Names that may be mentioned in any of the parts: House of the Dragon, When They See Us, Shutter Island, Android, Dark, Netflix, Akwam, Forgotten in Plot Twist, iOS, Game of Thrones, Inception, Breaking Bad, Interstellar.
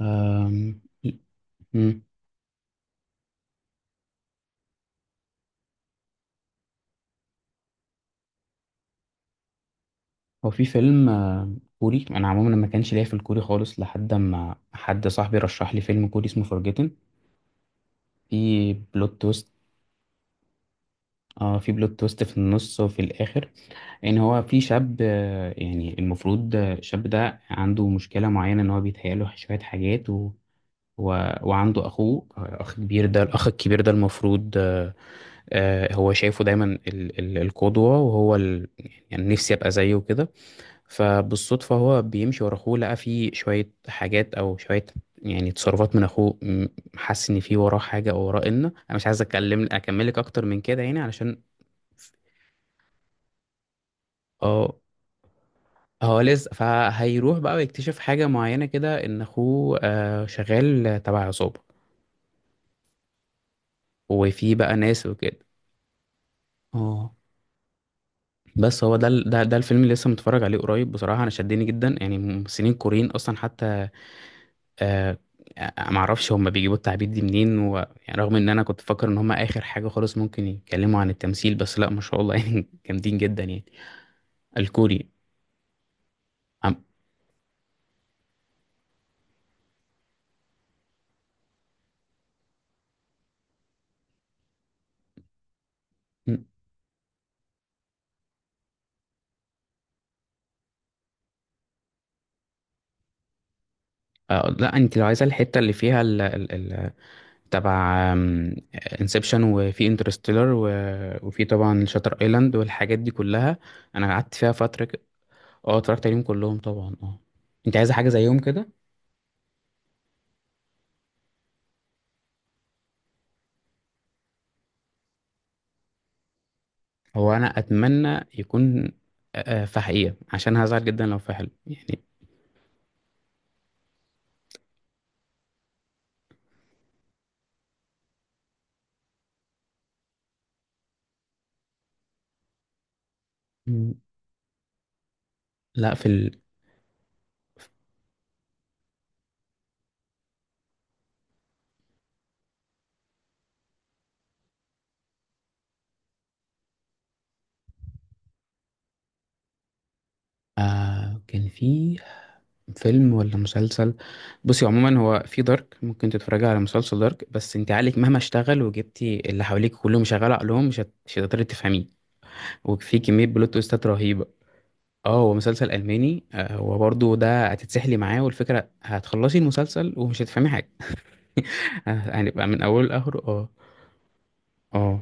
أم، مم. هو في فيلم كوري. انا عموما ما كانش ليا في الكوري خالص، لحد ما حد صاحبي رشح لي فيلم كوري اسمه فورجيتن، في بلوت تويست. اه، في بلوت تويست في النص وفي الاخر. ان هو في شاب، يعني المفروض، الشاب ده عنده مشكله معينه، ان هو بيتهيأله شويه حاجات و... وعنده اخوه، اخ كبير. ده الاخ الكبير ده المفروض، هو شايفه دايما القدوه، وهو يعني نفسي ابقى زيه كده. فبالصدفة هو بيمشي ورا أخوه، لقى فيه شوية حاجات أو شوية، يعني تصرفات من أخوه. حس إن في وراه حاجة أو وراه. إن أنا مش عايز أتكلم، أكملك أكتر من كده يعني، علشان. اه، هو لسه فهيروح بقى ويكتشف حاجة معينة كده، إن أخوه شغال تبع عصابة، وفي بقى ناس وكده. اه، بس هو ده ال- ده ده الفيلم اللي لسه متفرج عليه قريب. بصراحة أنا شدني جدا. يعني ممثلين كوريين أصلا، حتى آه ما اعرفش هم بيجيبوا التعبير دي منين يعني. رغم ان انا كنت فاكر ان هم اخر حاجه خالص ممكن يتكلموا عن التمثيل، بس لا ما شاء الله يعني جامدين جدا يعني. الكوري. عم... م- آه لا، انت لو عايزه الحته اللي فيها تبع انسبشن، وفي انترستيلر، وفي طبعا شاتر ايلاند والحاجات دي كلها. انا قعدت فيها فتره اه، اتفرجت عليهم كلهم طبعا، اه. انت عايزه حاجه زيهم كده؟ هو انا اتمنى يكون، فحقيقة، عشان هزعل جدا لو فحل يعني. مم. لا، كان في فيلم ولا مسلسل؟ بصي، عموما هو في دارك، ممكن تتفرجي على مسلسل دارك. بس انت عقلك مهما اشتغل، وجبتي اللي حواليك كلهم شغال عقلهم، مش هتقدري تفهميه. وفي كمية بلوت تويستات رهيبة. اه، هو مسلسل ألماني. هو برضه ده هتتسحلي معاه، والفكرة هتخلصي المسلسل ومش هتفهمي حاجة. هنبقى من أوله لآخره، اه. اه،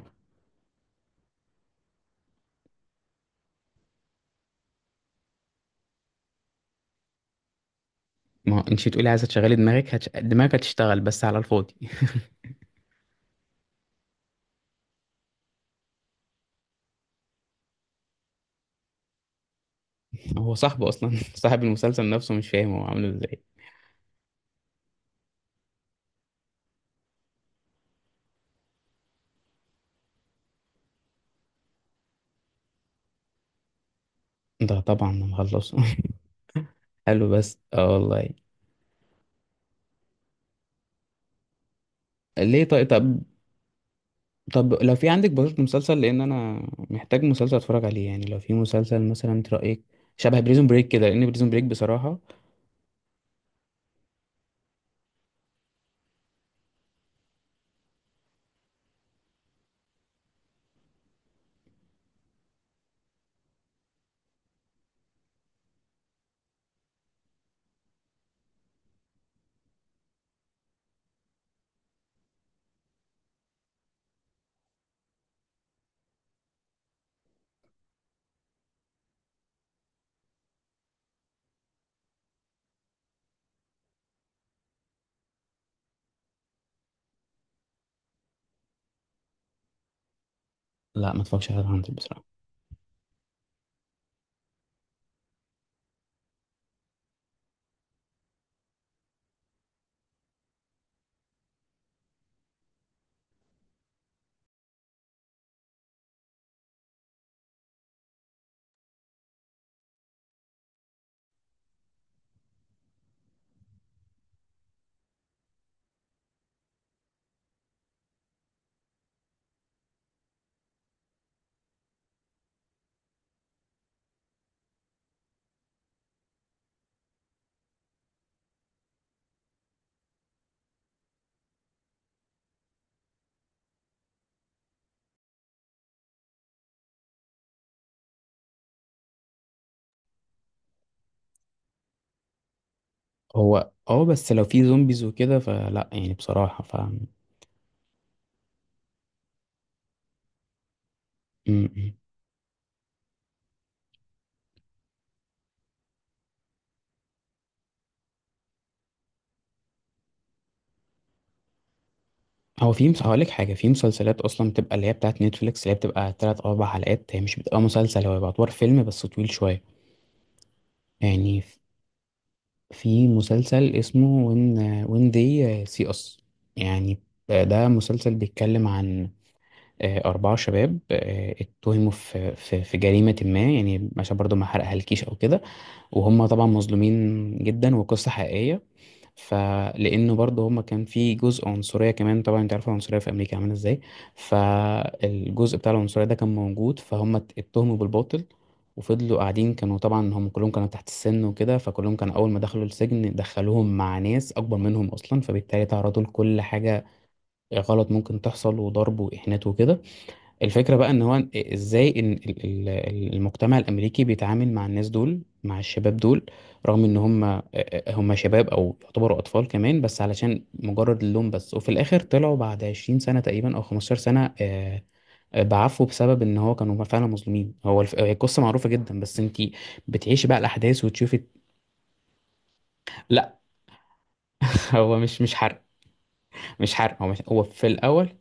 ما انت تقولي عايزة تشغلي دماغك. دماغك هتشتغل بس على الفاضي. هو صاحبه اصلا صاحب المسلسل نفسه مش فاهم هو عامله ازاي. ده طبعا انا مخلصه. حلو، بس اه، والله. ليه؟ طيب، طب. طب لو في عندك برضه مسلسل، لان انا محتاج مسلسل اتفرج عليه. يعني لو في مسلسل مثلا، انت رايك شبه بريزون بريك كده؟ لان بريزون بريك بصراحه. لا، ما اتفرجش على هانتر بصراحه. هو اه، بس لو في زومبيز وكده فلا، يعني بصراحه. ف م- م. هو في هقول لك حاجه. في مسلسلات اصلا بتبقى، اللي هي بتاعت نتفليكس، اللي هي بتبقى تلات أو اربع حلقات، هي مش بتبقى مسلسل، هو بيبقى اطوار فيلم بس طويل شويه يعني. في مسلسل اسمه وين، وين دي سي اس يعني. ده مسلسل بيتكلم عن أربعة شباب، اتهموا في جريمة ما، يعني عشان برضو ما حرقهالكيش أو كده. وهم طبعا مظلومين جدا، وقصة حقيقية. فلأنه برضه هم كان في جزء عنصرية كمان. طبعا انت عارف العنصرية في أمريكا عاملة ازاي، فالجزء بتاع العنصرية ده كان موجود. فهم اتهموا بالباطل، وفضلوا قاعدين. كانوا طبعا هم كلهم كانوا تحت السن وكده، فكلهم كانوا أول ما دخلوا السجن دخلوهم مع ناس أكبر منهم أصلا، فبالتالي تعرضوا لكل حاجة غلط ممكن تحصل، وضرب وإهانات وكده. الفكرة بقى ان هو ازاي ان المجتمع الامريكي بيتعامل مع الناس دول، مع الشباب دول، رغم ان هم شباب او يعتبروا اطفال كمان، بس علشان مجرد اللون بس. وفي الاخر طلعوا بعد 20 سنة تقريبا او 15 سنة، بعفو، بسبب ان هو كانوا فعلا مظلومين. هو هي القصة معروفة جدا، بس انت بتعيشي بقى الاحداث وتشوفي. لا، هو مش حرق. مش حرق، هو مش، هو في الاول.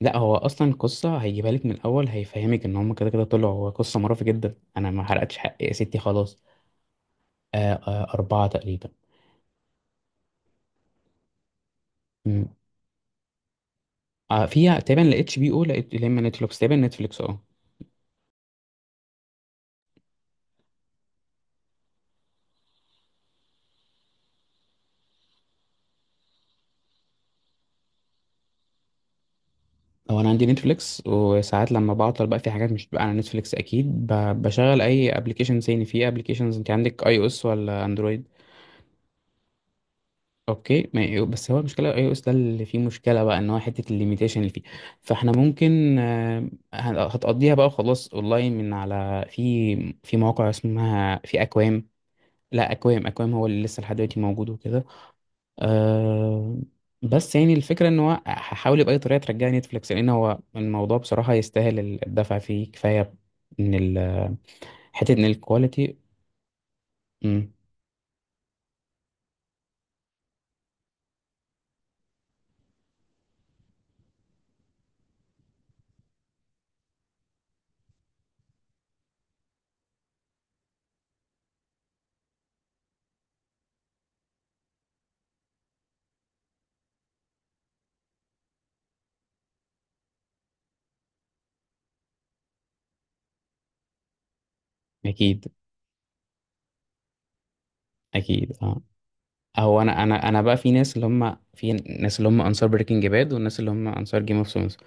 لا هو اصلا القصه هيجيبها لك من الاول، هيفهمك ان هم كده كده طلعوا. هو قصه مرعبه جدا. انا ما حرقتش حقي يا ستي، خلاص. آه آه، اربعه تقريبا. مم. آه، فيها تقريبا لاتش بي او لقيت لما نتفليكس، تقريبا نتفليكس، اه. هو انا عندي نتفليكس، وساعات لما بعطل بقى، في حاجات مش بتبقى على نتفليكس، اكيد بشغل اي ابلكيشن تاني في ابلكيشنز. انت عندك اي او اس ولا اندرويد؟ اوكي، ما هي- أيوه، بس هو المشكله، اي او اس ده اللي فيه مشكله بقى، ان هو حته الليميتيشن اللي فيه. فاحنا ممكن، هتقضيها بقى خلاص اونلاين، من على في مواقع اسمها، في اكوام. لا، اكوام اكوام هو اللي لسه لحد دلوقتي موجود وكده. آه، بس يعني الفكره، ان هو هحاول باي طريقه ترجع نتفليكس، لان هو الموضوع بصراحه يستاهل الدفع فيه كفايه، ان حته ان الكواليتي، مم، اكيد، اكيد، اه. هو انا بقى في ناس اللي هم انصار بريكنج باد، والناس اللي هم انصار جيم اوف ثرونز.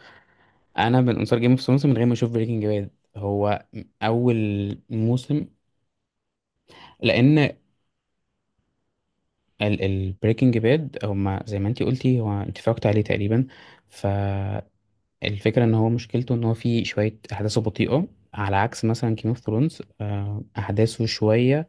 انا من انصار جيم اوف ثرونز من غير ما اشوف بريكنج باد. هو اول موسم. لان البريكنج باد هم زي ما انتي قلتي، هو انت اتفرجت عليه تقريبا. فالفكره ان هو مشكلته ان هو فيه شويه احداثه بطيئه، على عكس مثلا جيم اوف ثرونز، احداثه شويه.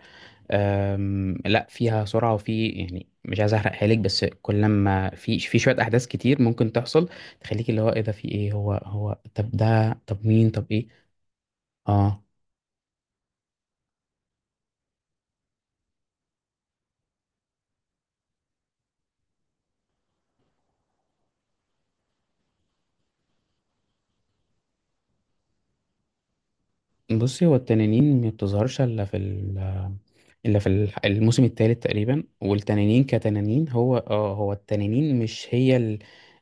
لا، فيها سرعة. وفي يعني، مش عايز احرق حالك، بس كل ما في شوية احداث كتير ممكن تحصل، تخليك اللي هو ايه ده، في ايه، هو طب ده، طب مين، طب ايه. اه، بصي هو التنانين ما بتظهرش الا في ال إلا في الح- الموسم الثالث تقريبا. والتنانين كتنانين، هو هو التنانين مش هي ال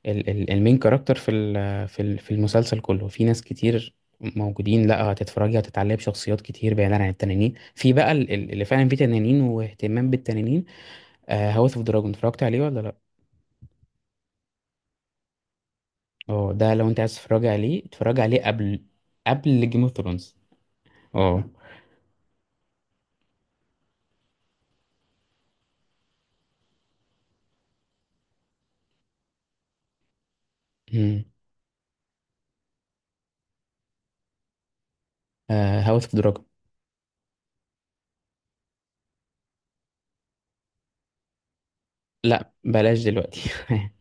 ال ال المين كاركتر في المسلسل كله. في ناس كتير موجودين، لا هتتفرجي هتتعلقي بشخصيات كتير بعيدا عن التنانين. في بقى اللي فعلا فيه تنانين واهتمام بالتنانين، هاوس اوف دراجون، اتفرجت عليه ولا لا؟ اه، ده لو انت عايز تتفرجي عليه، اتفرجي عليه قبل جيم اوف ثرونز. اه. هاوس اوف دراجون؟ لا بلاش دلوقتي.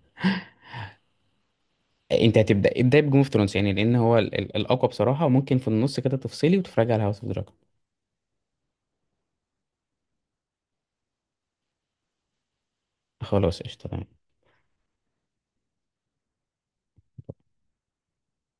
انت هتبدا، ابدا بجيم اوف ثرونز يعني، لان هو الاقوى بصراحه. وممكن في النص كده تفصلي وتتفرجي على هاوس اوف دراجون. خلاص قشطه، تمام.